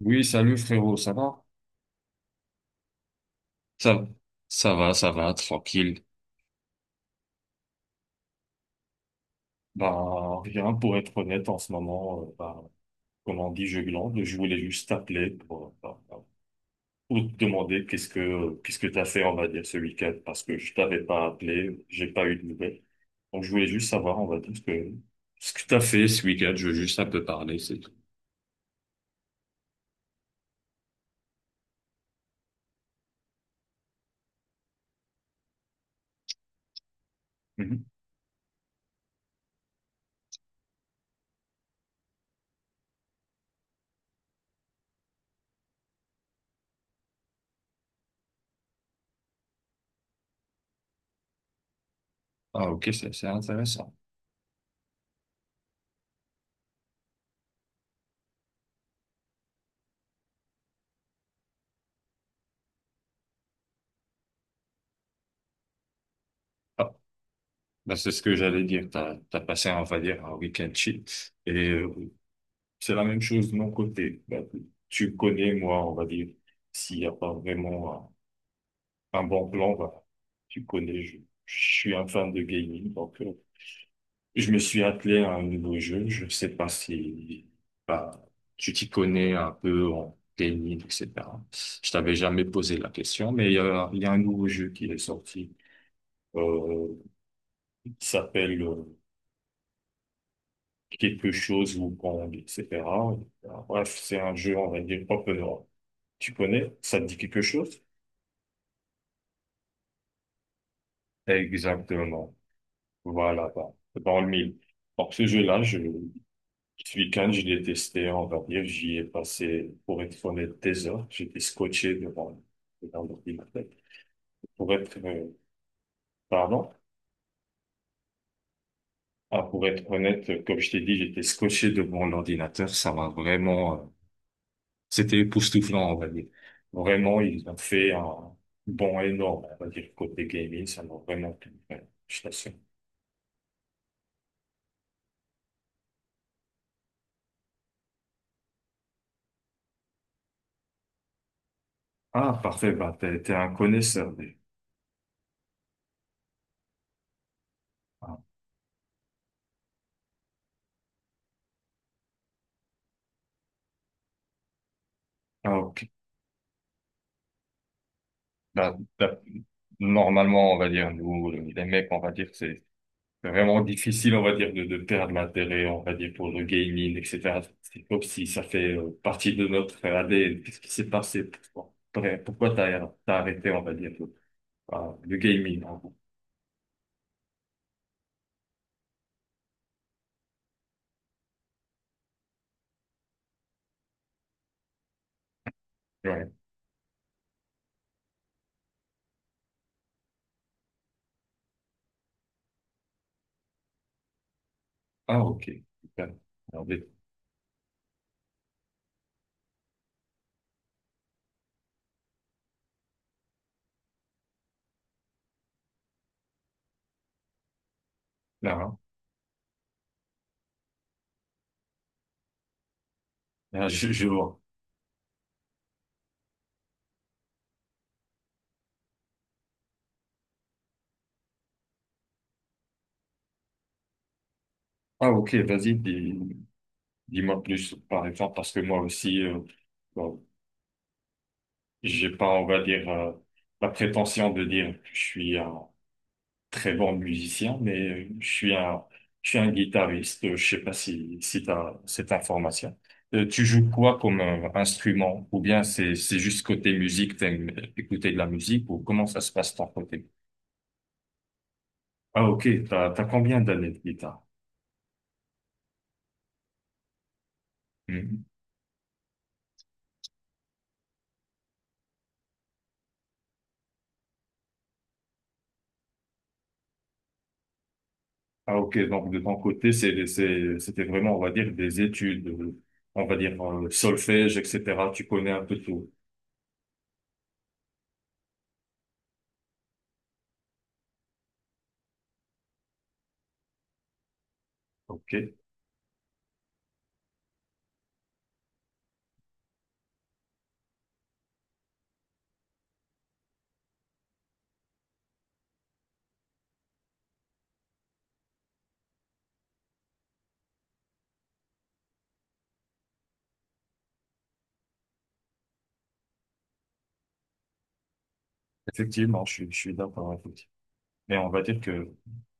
Oui, salut frérot, ça va? Ça, ça va, tranquille. Bah, rien pour être honnête en ce moment, bah, comme on dit, je glande. Je voulais juste t'appeler pour, pour te demander qu'est-ce que t'as fait, on va dire, ce week-end, parce que je t'avais pas appelé, j'ai pas eu de nouvelles. Donc je voulais juste savoir, on va dire, ce que t'as fait ce week-end, je veux juste un peu parler, c'est tout. Mhm. Ah, ok, c'est intéressant. Ah, bah, c'est ce que j'allais dire. T'as passé, on va dire, un week-end chill. Et c'est la même chose de mon côté. Bah, tu connais, moi, on va dire, s'il n'y a pas vraiment un bon plan, bah, tu connais, je suis un fan de gaming, donc je me suis attelé à un nouveau jeu. Je ne sais pas si bah, tu t'y connais un peu en gaming, etc. Je t'avais jamais posé la question, mais il y a un nouveau jeu qui est sorti, euh, qui s'appelle quelque chose ou Kong, etc. Bref, c'est un jeu, on va dire, open tu connais? Ça te dit quelque chose? Exactement. Voilà, bah, dans le mille. Alors, ce jeu-là, ce week-end, je l'ai testé, on va dire, j'y ai passé, pour être honnête, des heures. J'étais scotché devant, devant l'ordinateur. Pour être, euh, pardon? Ah, pour être honnête, comme je t'ai dit, j'étais scotché devant l'ordinateur. C'était époustouflant, on va dire. Vraiment, ils ont fait un bond énorme, on va dire, côté gaming. Ça m'a vraiment plu. Ouais, je t'assure. Ah, parfait. Bah, t'es un connaisseur. Ah, ah, ok. Bah, normalement, on va dire, nous, les mecs, on va dire, c'est vraiment difficile, on va dire, de perdre l'intérêt, on va dire, pour le gaming, etc. C'est comme si ça fait partie de notre ADN. Qu'est-ce qui s'est passé pour toi? Après, pourquoi t'as arrêté, on va dire, le gaming, en gros. Ouais. Ah, ok. Super. Alors, là, hein. Là, je vois. Ah, ok, vas-y, dis-moi plus, par exemple, parce que moi aussi, bon, j'ai pas, on va dire, la prétention de dire que je suis un très bon musicien, mais je suis un guitariste. Je sais pas si t'as cette information. Tu joues quoi comme instrument? Ou bien c'est juste côté musique, t'aimes écouter de la musique, ou comment ça se passe de ton côté? Ah, ok, t'as combien d'années de guitare? Mhm. Ah, ok, donc de ton côté, c'était vraiment, on va dire, des études, on va dire, solfège, etc. Tu connais un peu tout. Ok. Effectivement, je suis d'accord. Effectivement. Mais on va dire que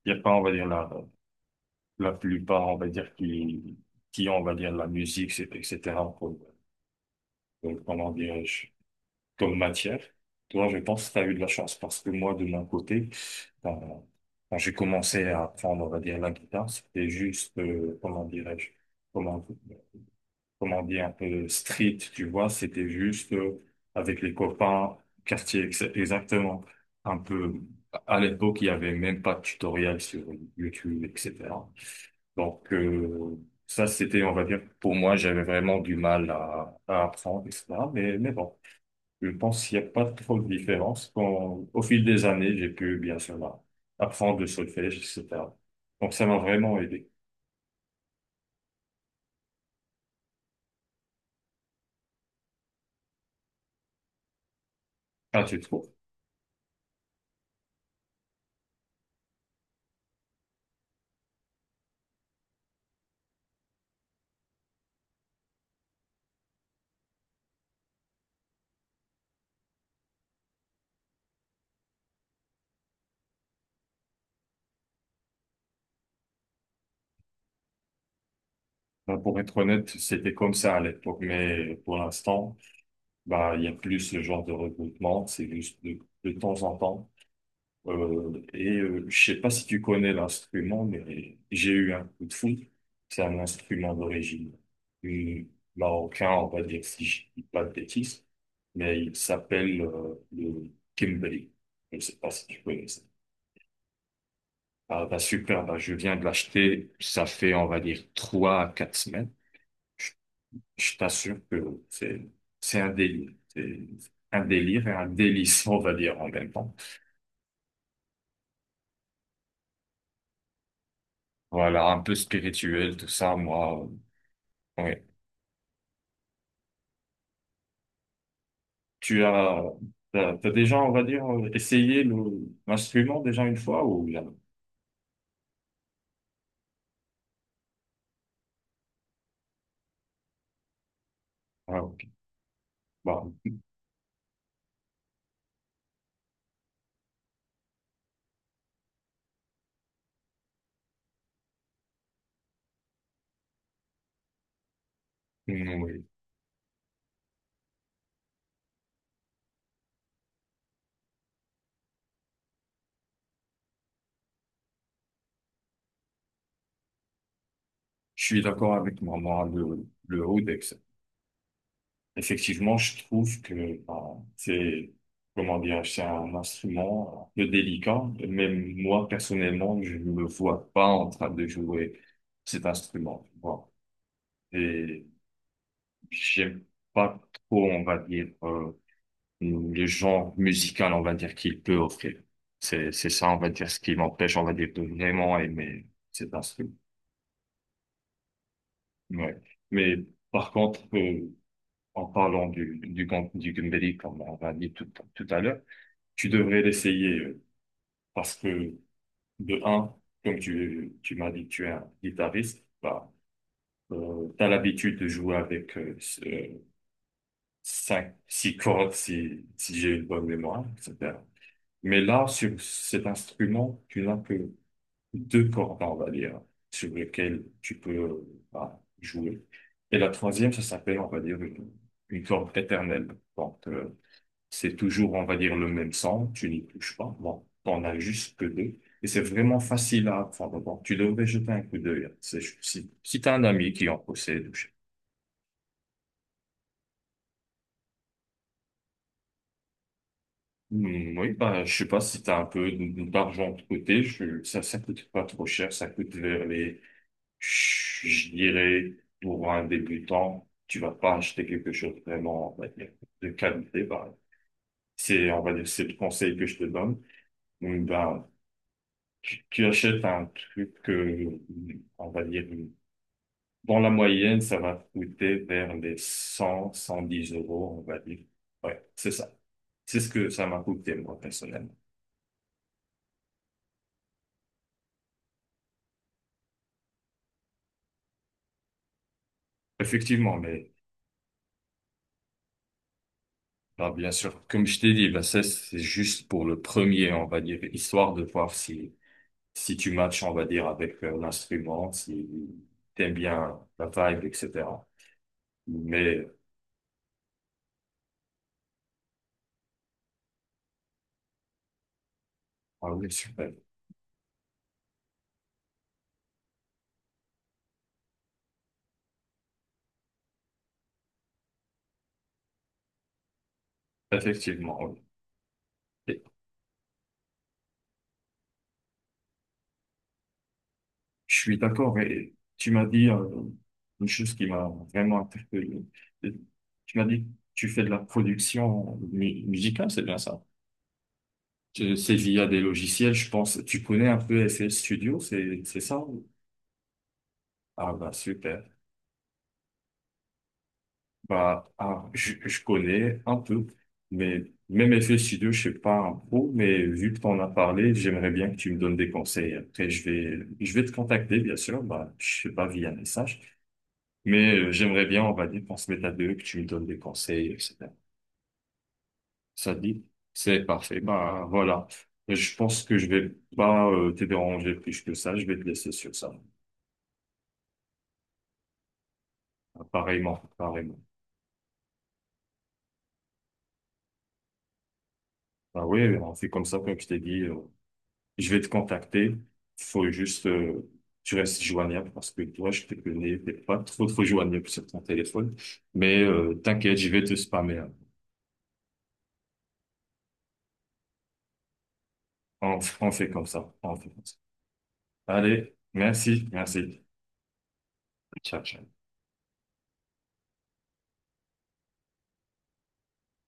il n'y a pas, on va dire, la plupart, on va dire, qui ont, on va dire, la musique, etc., comment dirais-je, comme matière. Toi, je pense que tu as eu de la chance parce que moi, de mon côté, quand, quand j'ai commencé à apprendre, on va dire, la guitare, c'était juste, comment dirais-je, comment, comment dire, un peu street, tu vois, c'était juste avec les copains, quartier exactement, un peu, à l'époque, il n'y avait même pas de tutoriel sur YouTube, etc. Donc, ça, c'était, on va dire, pour moi, j'avais vraiment du mal à apprendre, etc. Mais, bon, je pense qu'il n'y a pas trop de différence. Quand, au fil des années, j'ai pu, bien sûr, apprendre le solfège, etc. Donc, ça m'a vraiment aidé. Ah, tu trouves? Bah, pour être honnête, c'était comme ça à l'époque, mais pour l'instant, bah, il y a plus ce genre de regroupement, c'est juste de temps en temps. Et je sais pas si tu connais l'instrument, mais j'ai eu un coup de foudre. C'est un instrument d'origine du marocain, on va dire, si je dis pas de bêtises, mais il s'appelle le kimbali. Je sais pas si tu connais ça. Ah, bah, super, bah, je viens de l'acheter, ça fait, on va dire, 3 à 4 semaines. Je t'assure que c'est un délire. C'est un délire et un délice, on va dire, en même temps. Voilà, un peu spirituel, tout ça, moi. Ouais. Tu as, t'as déjà, on va dire, essayé l'instrument déjà une fois ou jamais? Ah, ok. Bah, mm, oui. Je suis d'accord avec moi. Moi, le oud, etc. Effectivement, je trouve que ben, c'est, comment dire, c'est un instrument un peu délicat. Même moi, personnellement, je ne me vois pas en train de jouer cet instrument, tu vois. Et j'aime pas trop, on va dire, le genre musical, on va dire, qu'il peut offrir. C'est ça, on va dire, ce qui m'empêche, on va dire, de vraiment aimer cet instrument. Ouais. Mais par contre, en parlant du Gundeli, comme on l'a dit tout à l'heure, tu devrais l'essayer parce que, de un, comme tu m'as dit que tu es un guitariste, bah, tu as l'habitude de jouer avec cinq, six cordes si j'ai une bonne mémoire, etc. Mais là, sur cet instrument, tu n'as que deux cordes, on va dire, sur lesquelles tu peux bah, jouer. Et la troisième, ça s'appelle, on va dire, une corde éternelle. Donc, c'est toujours, on va dire, le même sang, tu n'y touches pas. Bon, t'en as juste que deux. Et c'est vraiment facile à apprendre. Bon, tu devrais jeter un coup d'œil. Si t'as un ami qui en possède. Hmm, oui, bah, je sais pas si t'as un peu d'argent de côté. Ça coûte pas trop cher. Ça coûte vers les, je dirais, pour un débutant, tu vas pas acheter quelque chose vraiment, on va dire, de qualité. Bah, c'est, on va dire, c'est le conseil que je te donne. Ben, tu achètes un truc, que on va dire, dans la moyenne, ça va coûter vers les 100, 110 euros, on va dire. Ouais, c'est ça. C'est ce que ça m'a coûté, moi, personnellement. Effectivement, mais bah, bien sûr, comme je t'ai dit, bah, ça, c'est juste pour le premier, on va dire, histoire de voir si tu matches, on va dire, avec l'instrument, si t'aimes bien la vibe, etc. Mais, ah oui, super. Effectivement, oui. Je suis d'accord et tu m'as dit une chose qui m'a vraiment interpellé. Euh, Tu m'as dit que tu fais de la production musicale, c'est bien ça? C'est via des logiciels, je pense. Tu connais un peu FL Studio, c'est ça? Ah bah super. Bah ah, je connais un peu, mais même FL Studio, je sais pas un pro, mais vu que tu en as parlé, j'aimerais bien que tu me donnes des conseils. Après, je vais te contacter, bien sûr. Bah je sais pas via message. Mais j'aimerais bien, on va dire, qu'on se mette à deux, que tu me donnes des conseils, etc. Ça te dit? C'est parfait. Bah voilà. Je pense que je vais pas te déranger plus que ça. Je vais te laisser sur ça. Ah, pareillement, pareillement. Bah oui, on fait comme ça, comme je t'ai dit. Je vais te contacter. Faut juste, tu restes joignable parce que toi, je te connais, t'es pas trop trop joignable sur ton téléphone. Mais t'inquiète, je vais te spammer, hein. On fait comme ça. On fait comme ça. Allez, merci, merci. Ciao, ciao.